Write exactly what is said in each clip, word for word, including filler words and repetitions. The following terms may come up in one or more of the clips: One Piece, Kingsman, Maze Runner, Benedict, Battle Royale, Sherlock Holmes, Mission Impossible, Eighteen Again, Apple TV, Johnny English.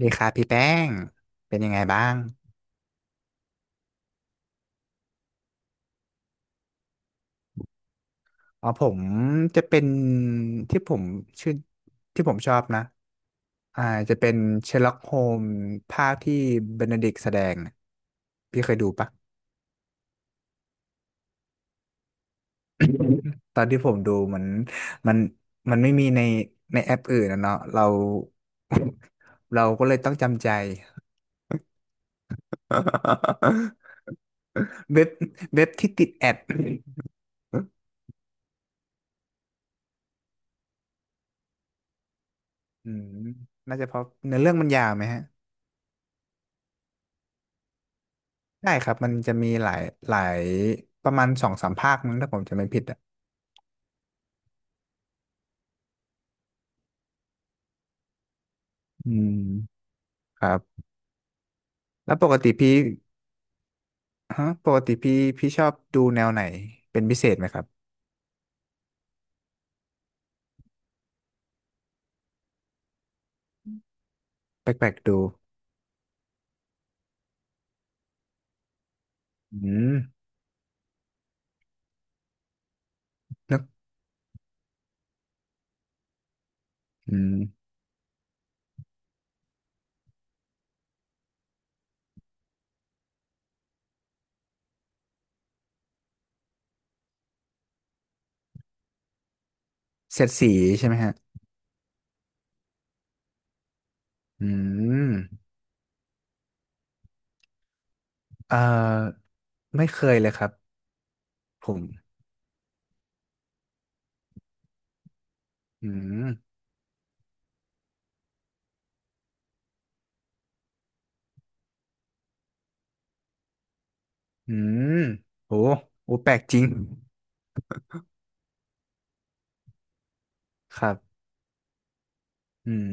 ดีครับพี่แป้งเป็นยังไงบ้างอ๋อผมจะเป็นที่ผมชื่อที่ผมชอบนะอ่าจะเป็นเชอร์ล็อกโฮมภาคที่เบนเดดิกต์แสดงน่ะพี่เคยดูปะ ตอนที่ผมดูเหมือนมันมันไม่มีในในแอปอื่นนะเนาะเรา เราก็เลยต้องจำใจ เว็บเว็บที่ติดแอด อืมน่าจะเพราะเนื้อเรื่องมันยาวไหมฮะ ได้ครับมันจะมีหลายหลายประมาณสองสามภาคมั้งถ้าผมจะไม่ผิดอ่ะอืมครับแล้วปกติพี่ฮะปกติพี่พี่ชอบดูแนวไหนเป็นพิเศษไหมครับแปลกๆดูอืมนึกอืมเสียดสีใช่ไหมฮะอืมเอ่อไม่เคยเลยครับผมอืมอืมโอ้โอ้แปลกจริงครับอืม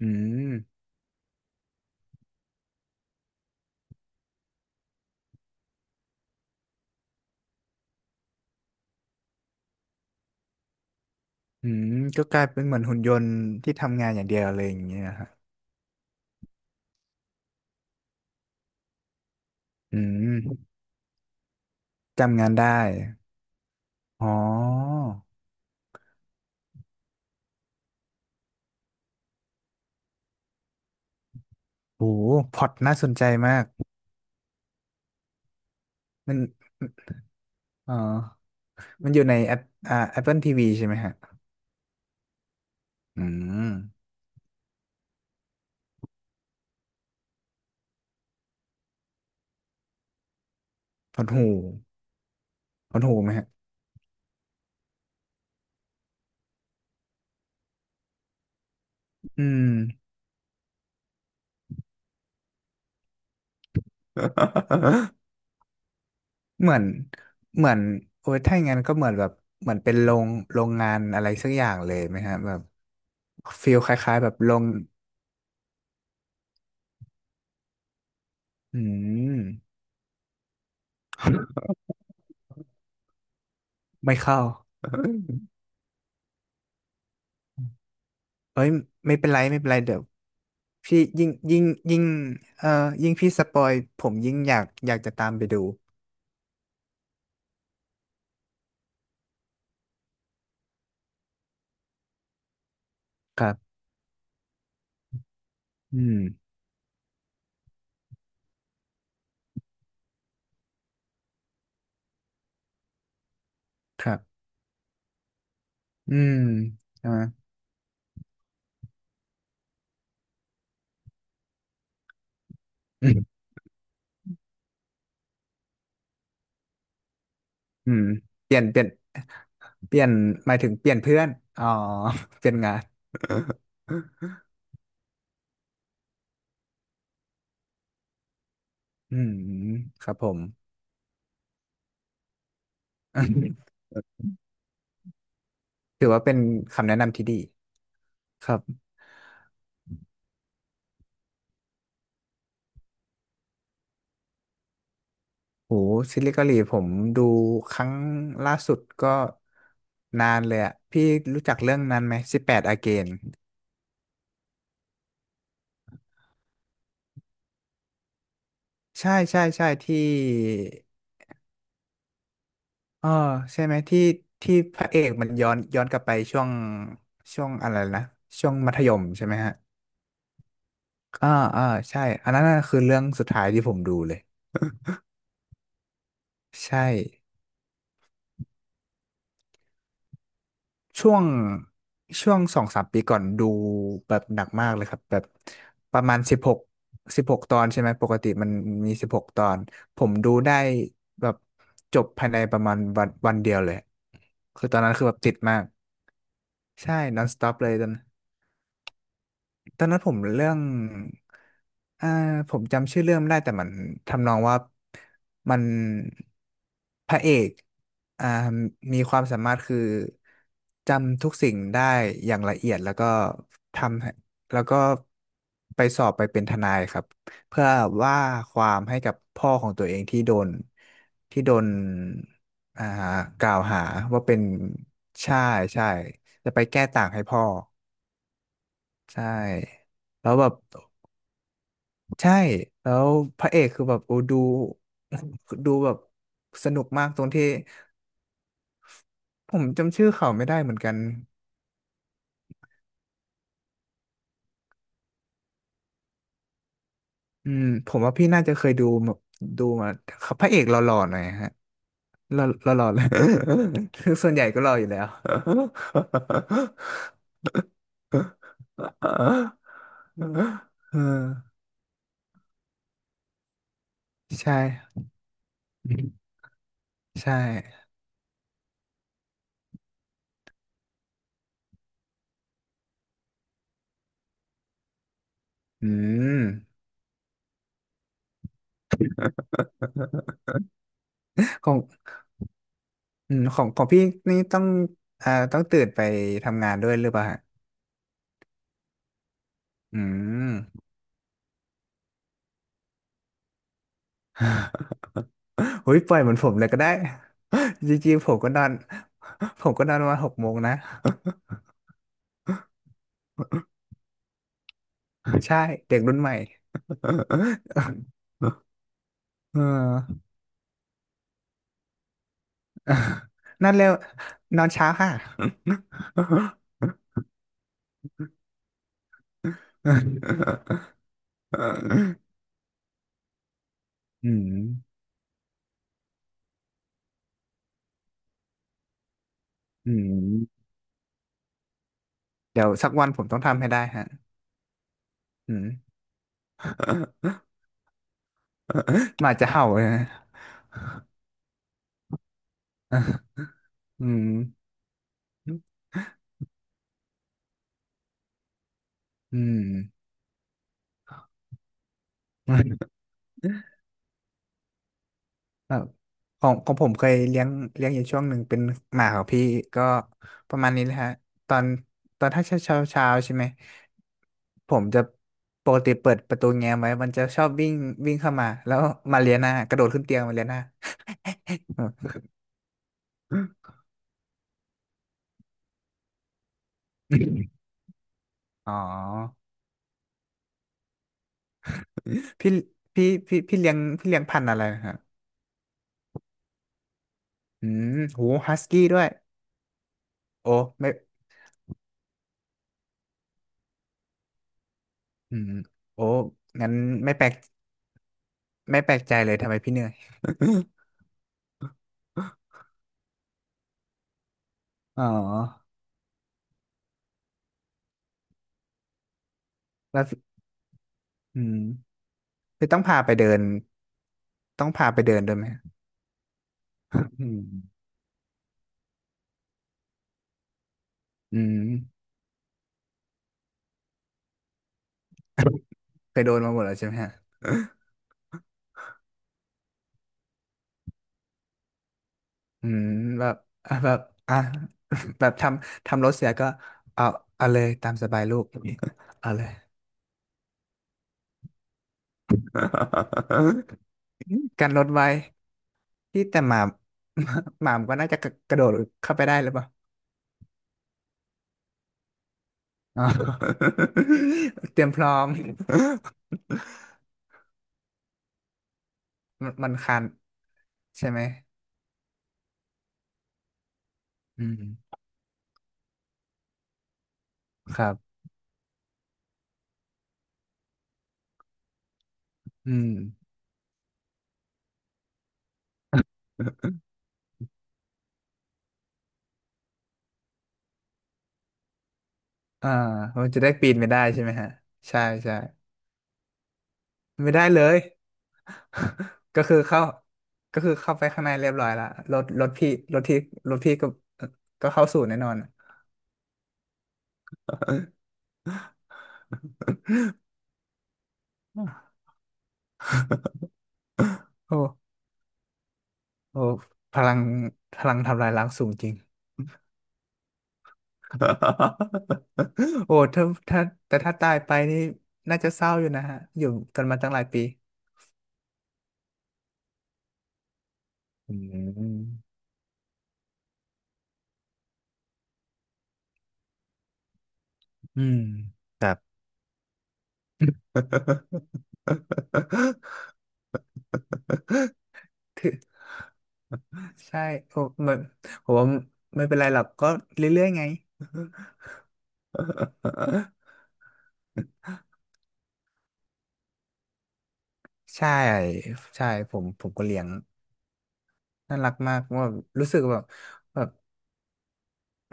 อืมอืมก็กลายเป็นเหมือนหุ่นยนต์ที่ทำงานอย่างเดียวเลยอย่างเงี้ยฮะอืม จำงานได้ อ๋อโหพล็อตน่าสนใจมาก มัน อ๋อ มันอยู่ในแอปอ่า Apple ที วี ใช่ไหมฮะอืมพล็อดหูพล็อดหูไหมฮะอืม เหมือน เหมือนโอ้ยถ้าอย่างนั้นก็เหมือนแบบ เหมือนเป็นโรงโรงงานอะไรสักอย่างเลยไหมฮะแบบฟีลคล้ายๆแบบโรงอืมไม่เข้า เอ้ยไม่เป็นไรไม่เป็นไรเดี๋ยวพี่ยิ่งยิ่งยิ่งเอ่อยิ่งพี่สปอยผมยิ่งอยากอยากจะตามไปดูครับอืมครับอืมใช่ไหมอืมอืมเปลี่ยนเปลี่ยนเปลี่ยนหมายถึงเปลี่ยนเพื่อนอ๋อเปลี่ยนงาน อืมครับผม ถือว่าเป็นคำแนะนำที่ดีครับ โหซีรีส์เกาหลีผมดูครั้งล่าสุดก็นานเลยอะพี่รู้จักเรื่องนั้นไหมสิบแปดอาเกนใช่ใช่ใช่ที่เออใช่ไหมที่ที่พระเอกมันย้อนย้อนกลับไปช่วงช่วงอะไรนะช่วงมัธยมใช่ไหมฮะอ่าอ่าใช่อันนั้นน่ะคือเรื่องสุดท้ายที่ผมดูเลยใช่ ช่วงช่วงสองสามปีก่อนดูแบบหนักมากเลยครับแบบประมาณสิบหกสิบหกตอนใช่ไหมปกติมันมีสิบหกตอนผมดูได้แบบจบภายในประมาณวันวันเดียวเลยคือตอนนั้นคือแบบติดมากใช่ non stop เลยตอน ตอนนั้นผมเรื่องอ่าผมจำชื่อเรื่องไม่ได้แต่มันทำนองว่ามันพระเอกอ่ามีความสามารถคือจำทุกสิ่งได้อย่างละเอียดแล้วก็ทำให้แล้วก็ไปสอบไปเป็นทนายครับเพื่อว่าความให้กับพ่อของตัวเองที่โดนที่โดนอ่ากล่าวหาว่าเป็นใช่ใช่จะไปแก้ต่างให้พ่อใช่แล้วแบบ ใช่แล้วพระเอกคือแบบโอ้ดู ดูแบบสนุกมากตรงที่ผมจำชื่อเขาไม่ได้เหมือนกันอืมผมว่าพี่น่าจะเคยดูมาดูมาพระเอกหล่อๆหน่อยฮะหล่อหล่อๆเลย ส่วนใหญ่ก็หล่ออยู่แล้ว เออใช่ใช่อืมของอืมของของพี่นี่ต้องอ่าต้องตื่นไปทำงานด้วยหรือเปล่าฮะ อืมเฮ้ยปล่อยเหมือนผมเลยก็ได้ จริงๆผมก็นอน ผมก็นอนประมาณหกโมงนะ ใช่เด็กรุ่นใหม่ เออ นั่นเร็วนอนเช้าค่ะ อืมอืมเดี๋ยวสักวันผมต้องทำให้ได้ฮะอืม หมาจะเห่าเลยนะ อืมอืม แบบของของผมเคยเลี้ยงเลี้ยงอยู่ช่วงหนึ่งเป็นหมาของพี่ก็ประมาณนี้แหละฮะตอนตอนถ้าเช้าเช้าเช้าใช่ไหมผมจะปกติเปิดประตูแง้มไว้มันจะชอบวิ่งวิ่งเข้ามาแล้วมาเลียหน้ากระโดดขึ้นเตียงมาเลียหน้า อ๋อพี่พี่พี่พี่เลี้ยงพี่เลี้ยงพันธุ์อะไรนะครับอืมโหฮัสกี้ด้วยโอ้ไม่อืมโอ้งั้นไม่แปลกไม่แปลกใจเลยทำไมพี่เหนื่อย อ๋อแล้ว อืมคือต้องพาไปเดินต้องพาไปเดินด้วยไหมอืมอืมไปโดนมาหมดแล้วใช่ไหมฮะอืมแบบอ่ะแบบอ่ะ แบบทำทำรถเสียก็เอาเอาเลยตามสบายลูก เอาเลย กันรถไว้ที่แต่หมา หมามนก็น่าจะกระกระโดดเข้าไปได้หรือเปล่าอ๋อ เตรียมพร้อม มันมันคันใช่ไหมอืมครับอืม อ่ามันจะได้ปีนไม่ได้ใช่ไหมฮะใช่ใช่ไม่ได้เลย ก็คือเข้าก็คือเข้าไปข้างในเรียบร้อยละรถรถพี่รถที่รถพี่ก็ก็เข้าสู่แน่นอน โอ้โอ้พลังพลังทำลายล้างสูงจริง โอ้ถ้าถ้าแต่ถ้าตายไปนี่น่าจะเศร้าอยู่นะฮะอยู่กันมาตั้งหลายปีอืมอืมครับ ถือ ใช่โอ้มันผมว่าไม่เป็นไรหรอกก็เรื่อยๆไง ใช่ใช่ผมผมก็เลี้ยงน่ารักมากว่ารู้สึกแบบแบบ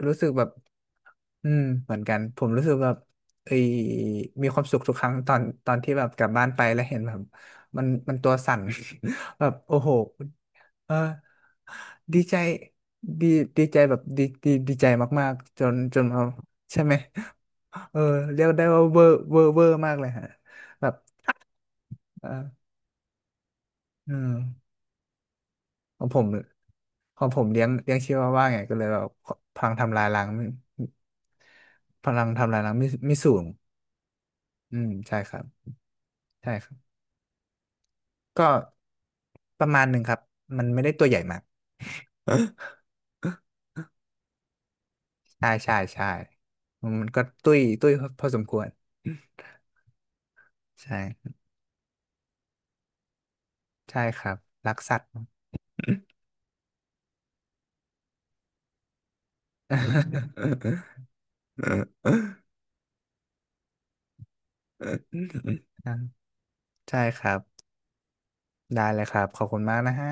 รู้สึกแบบอืมเหมือนกันผมรู้สึกแบบเอยมีความสุขทุกครั้งตอนตอนที่แบบกลับบ้านไปแล้วเห็นแบบมันมันตัวสั่น แบบโอ้โหเออดีใจดีดีใจแบบดีดีดีใจมากๆจนจนเอาใช่ไหม เออเรียกได้ว่าเวอร์เวอร์เวอร์มากเลยฮะแบบเออเออของผมของผมเลี้ยงเลี้ยงชิวาว่าไงก็เลยแบบพลังทำลายล้างไม่พลังทำลายล้างไม่ไม่สูงอืมใช่ครับใช่ครับก็ประมาณหนึ่งครับมันไม่ได้ตัวใหญ่มาก ใช่ใช่ใช่มันก็ตุ้ยตุ้ยพอสมควรใช่ใช่ครับรักสัตว์ ใช่ครับ ได้เลยครับ ขอบคุณมากนะฮะ